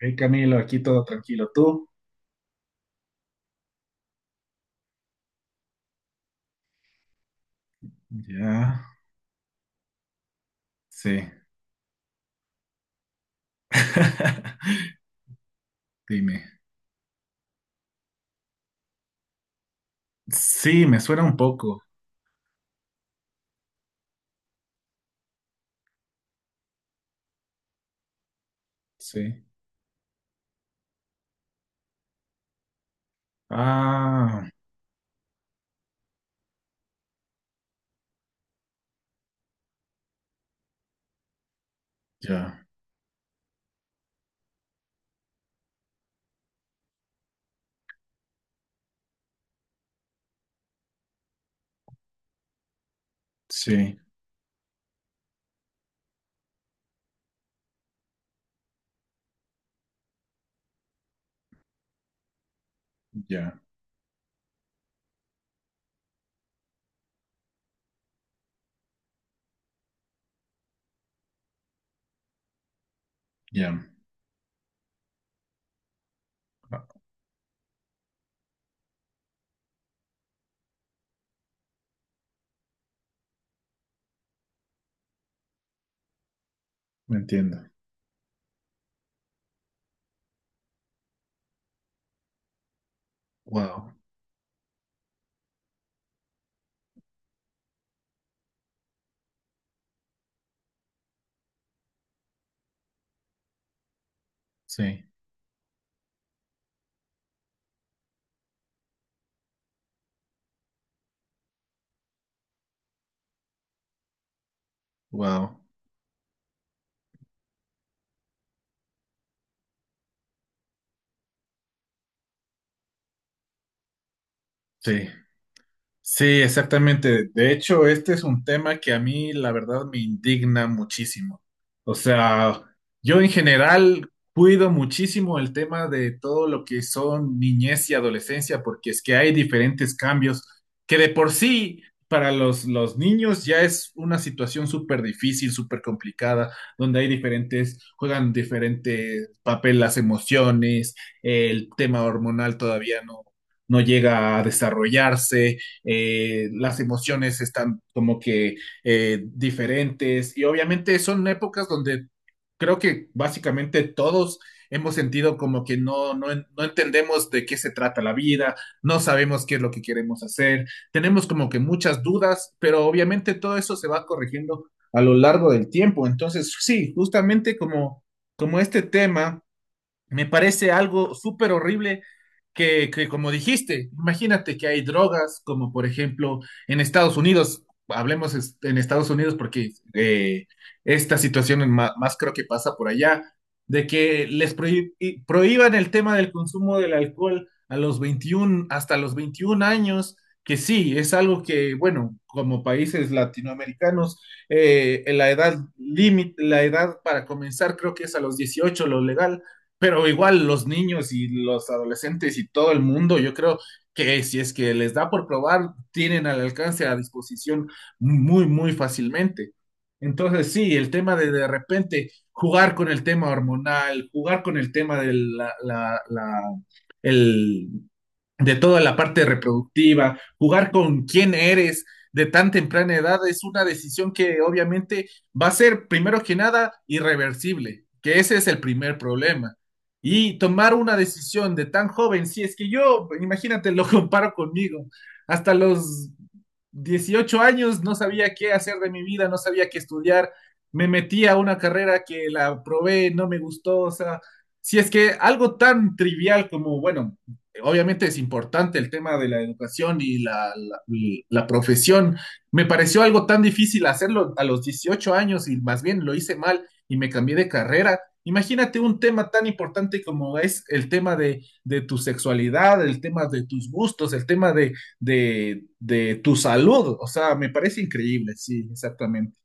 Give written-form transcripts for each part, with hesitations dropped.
Hey Camilo, aquí todo tranquilo. ¿Tú? Ya, sí. Dime. Sí, me suena un poco. Sí. Ah, ya. Sí, ya, ya. Me entiendo. Wow. Sí, wow. Sí. Sí, exactamente. De hecho, este es un tema que a mí, la verdad, me indigna muchísimo. O sea, yo en general cuido muchísimo el tema de todo lo que son niñez y adolescencia, porque es que hay diferentes cambios que de por sí para los niños ya es una situación súper difícil, súper complicada, donde hay diferentes, juegan diferentes papel las emociones, el tema hormonal todavía no llega a desarrollarse, las emociones están como que diferentes, y obviamente son épocas donde creo que básicamente todos hemos sentido como que no entendemos de qué se trata la vida, no sabemos qué es lo que queremos hacer, tenemos como que muchas dudas, pero obviamente todo eso se va corrigiendo a lo largo del tiempo. Entonces, sí, justamente como este tema me parece algo súper horrible que, como dijiste, imagínate que hay drogas, como por ejemplo en Estados Unidos, hablemos en Estados Unidos, porque esta situación más, creo que pasa por allá, de que les prohíban el tema del consumo del alcohol a los 21, hasta los 21 años, que sí, es algo que, bueno, como países latinoamericanos, la edad límite, la edad para comenzar creo que es a los 18, lo legal, pero igual los niños y los adolescentes y todo el mundo, yo creo que si es que les da por probar, tienen al alcance, a disposición, muy, muy fácilmente. Entonces, sí, el tema de repente, jugar con el tema hormonal, jugar con el tema de el, de toda la parte reproductiva, jugar con quién eres de tan temprana edad es una decisión que obviamente va a ser, primero que nada, irreversible, que ese es el primer problema. Y tomar una decisión de tan joven, si es que yo, imagínate, lo comparo conmigo, hasta los 18 años no sabía qué hacer de mi vida, no sabía qué estudiar, me metí a una carrera que la probé, no me gustó. O sea, si es que algo tan trivial como, bueno, obviamente es importante el tema de la educación y y la profesión. Me pareció algo tan difícil hacerlo a los 18 años, y más bien lo hice mal y me cambié de carrera. Imagínate un tema tan importante como es el tema de tu sexualidad, el tema de tus gustos, el tema de tu salud. O sea, me parece increíble. Sí, exactamente.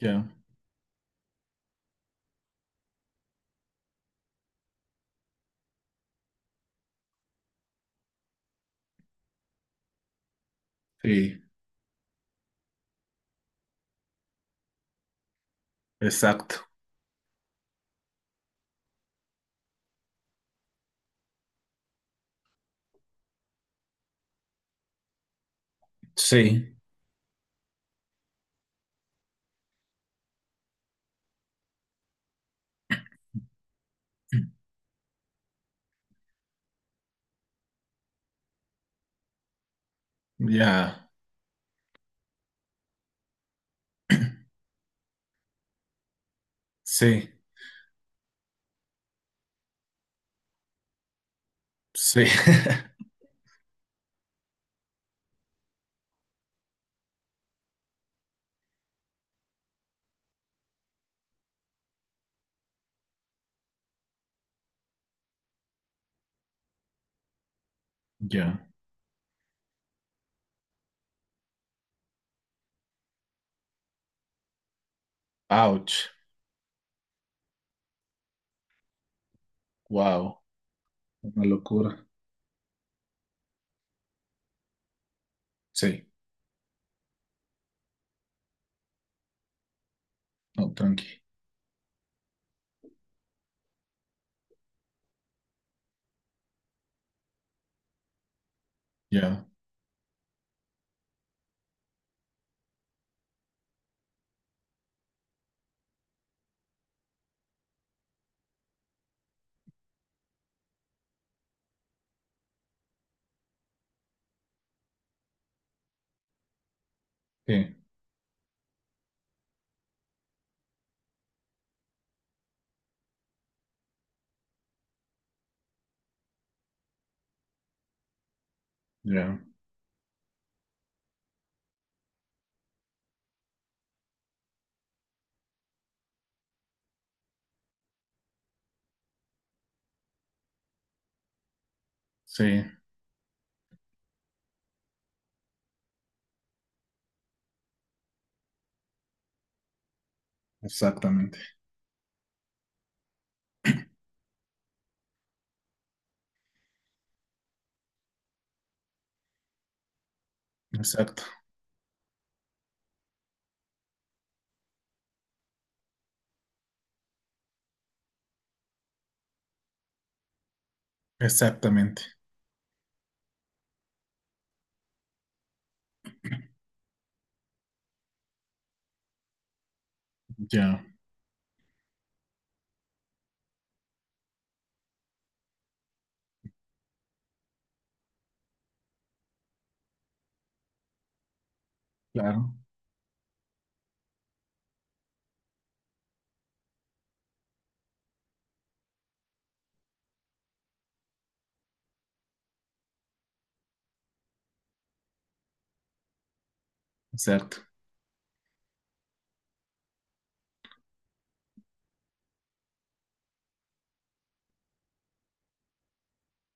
Ya. Sí, exacto. Sí, ya. Sí, sí. Ya. Ouch. Wow, una locura. Sí, no, tranqui. Ya, sí, ya, sí, exactamente, exacto, exactamente, ya, claro, exacto.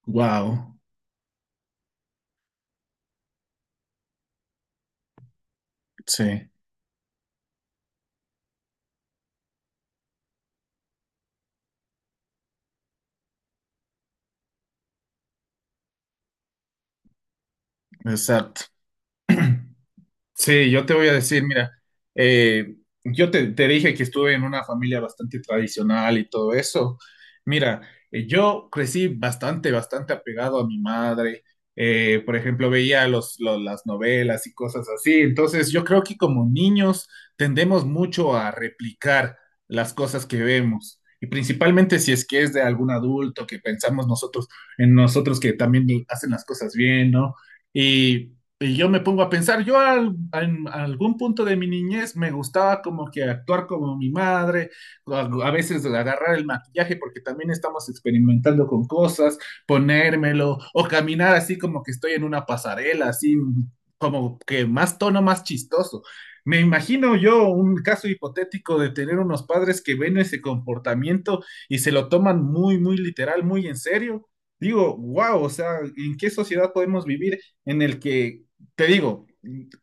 Wow, sí, exacto. Sí, yo te voy a decir, mira, eh, yo te dije que estuve en una familia bastante tradicional y todo eso. Mira, yo crecí bastante, bastante apegado a mi madre. Por ejemplo, veía las novelas y cosas así. Entonces, yo creo que como niños tendemos mucho a replicar las cosas que vemos. Y principalmente si es que es de algún adulto que pensamos nosotros, en nosotros que también hacen las cosas bien, ¿no? Y y yo me pongo a pensar, en algún punto de mi niñez me gustaba como que actuar como mi madre, a veces agarrar el maquillaje porque también estamos experimentando con cosas, ponérmelo o caminar así como que estoy en una pasarela, así como que más tono, más chistoso. Me imagino yo un caso hipotético de tener unos padres que ven ese comportamiento y se lo toman muy, muy literal, muy en serio. Digo, wow, o sea, ¿en qué sociedad podemos vivir en el que te digo,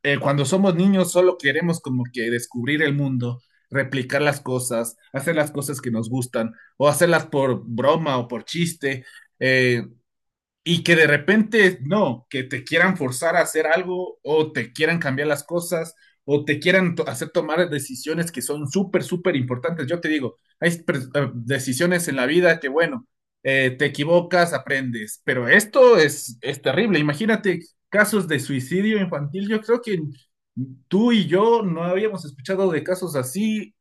cuando somos niños solo queremos como que descubrir el mundo, replicar las cosas, hacer las cosas que nos gustan, o hacerlas por broma o por chiste? Eh, y que de repente no, que te quieran forzar a hacer algo, o te quieran cambiar las cosas, o te quieran to hacer tomar decisiones que son súper, súper importantes. Yo te digo, hay decisiones en la vida que, bueno, te equivocas, aprendes, pero esto es terrible. Imagínate casos de suicidio infantil. Yo creo que tú y yo no habíamos escuchado de casos así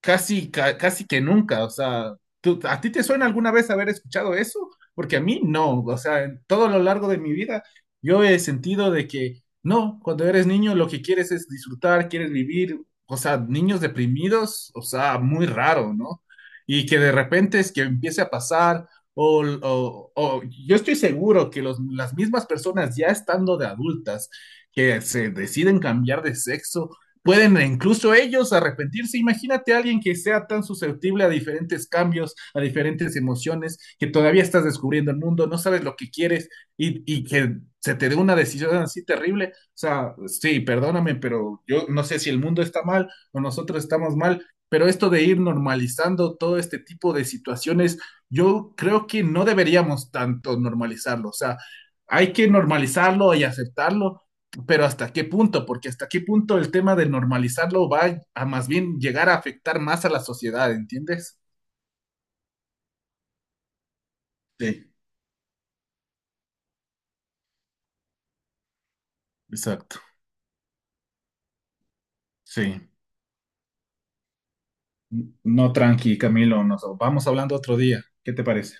casi que nunca. O sea, ¿a ti te suena alguna vez haber escuchado eso? Porque a mí no. O sea, en todo lo largo de mi vida yo he sentido de que no, cuando eres niño lo que quieres es disfrutar, quieres vivir. O sea, niños deprimidos, o sea, muy raro, ¿no? Y que de repente es que empiece a pasar, o, o- o- yo estoy seguro que las mismas personas, ya estando de adultas, que se deciden cambiar de sexo, pueden incluso ellos arrepentirse. Imagínate a alguien que sea tan susceptible a diferentes cambios, a diferentes emociones, que todavía estás descubriendo el mundo, no sabes lo que quieres, y que se te dé una decisión así terrible. O sea, sí, perdóname, pero yo no sé si el mundo está mal o nosotros estamos mal, pero esto de ir normalizando todo este tipo de situaciones, yo creo que no deberíamos tanto normalizarlo. O sea, hay que normalizarlo y aceptarlo, pero ¿hasta qué punto? Porque ¿hasta qué punto el tema de normalizarlo va a, más bien, llegar a afectar más a la sociedad, ¿entiendes? Sí, exacto. Sí. No, tranqui, Camilo, nos vamos hablando otro día. ¿Qué te parece?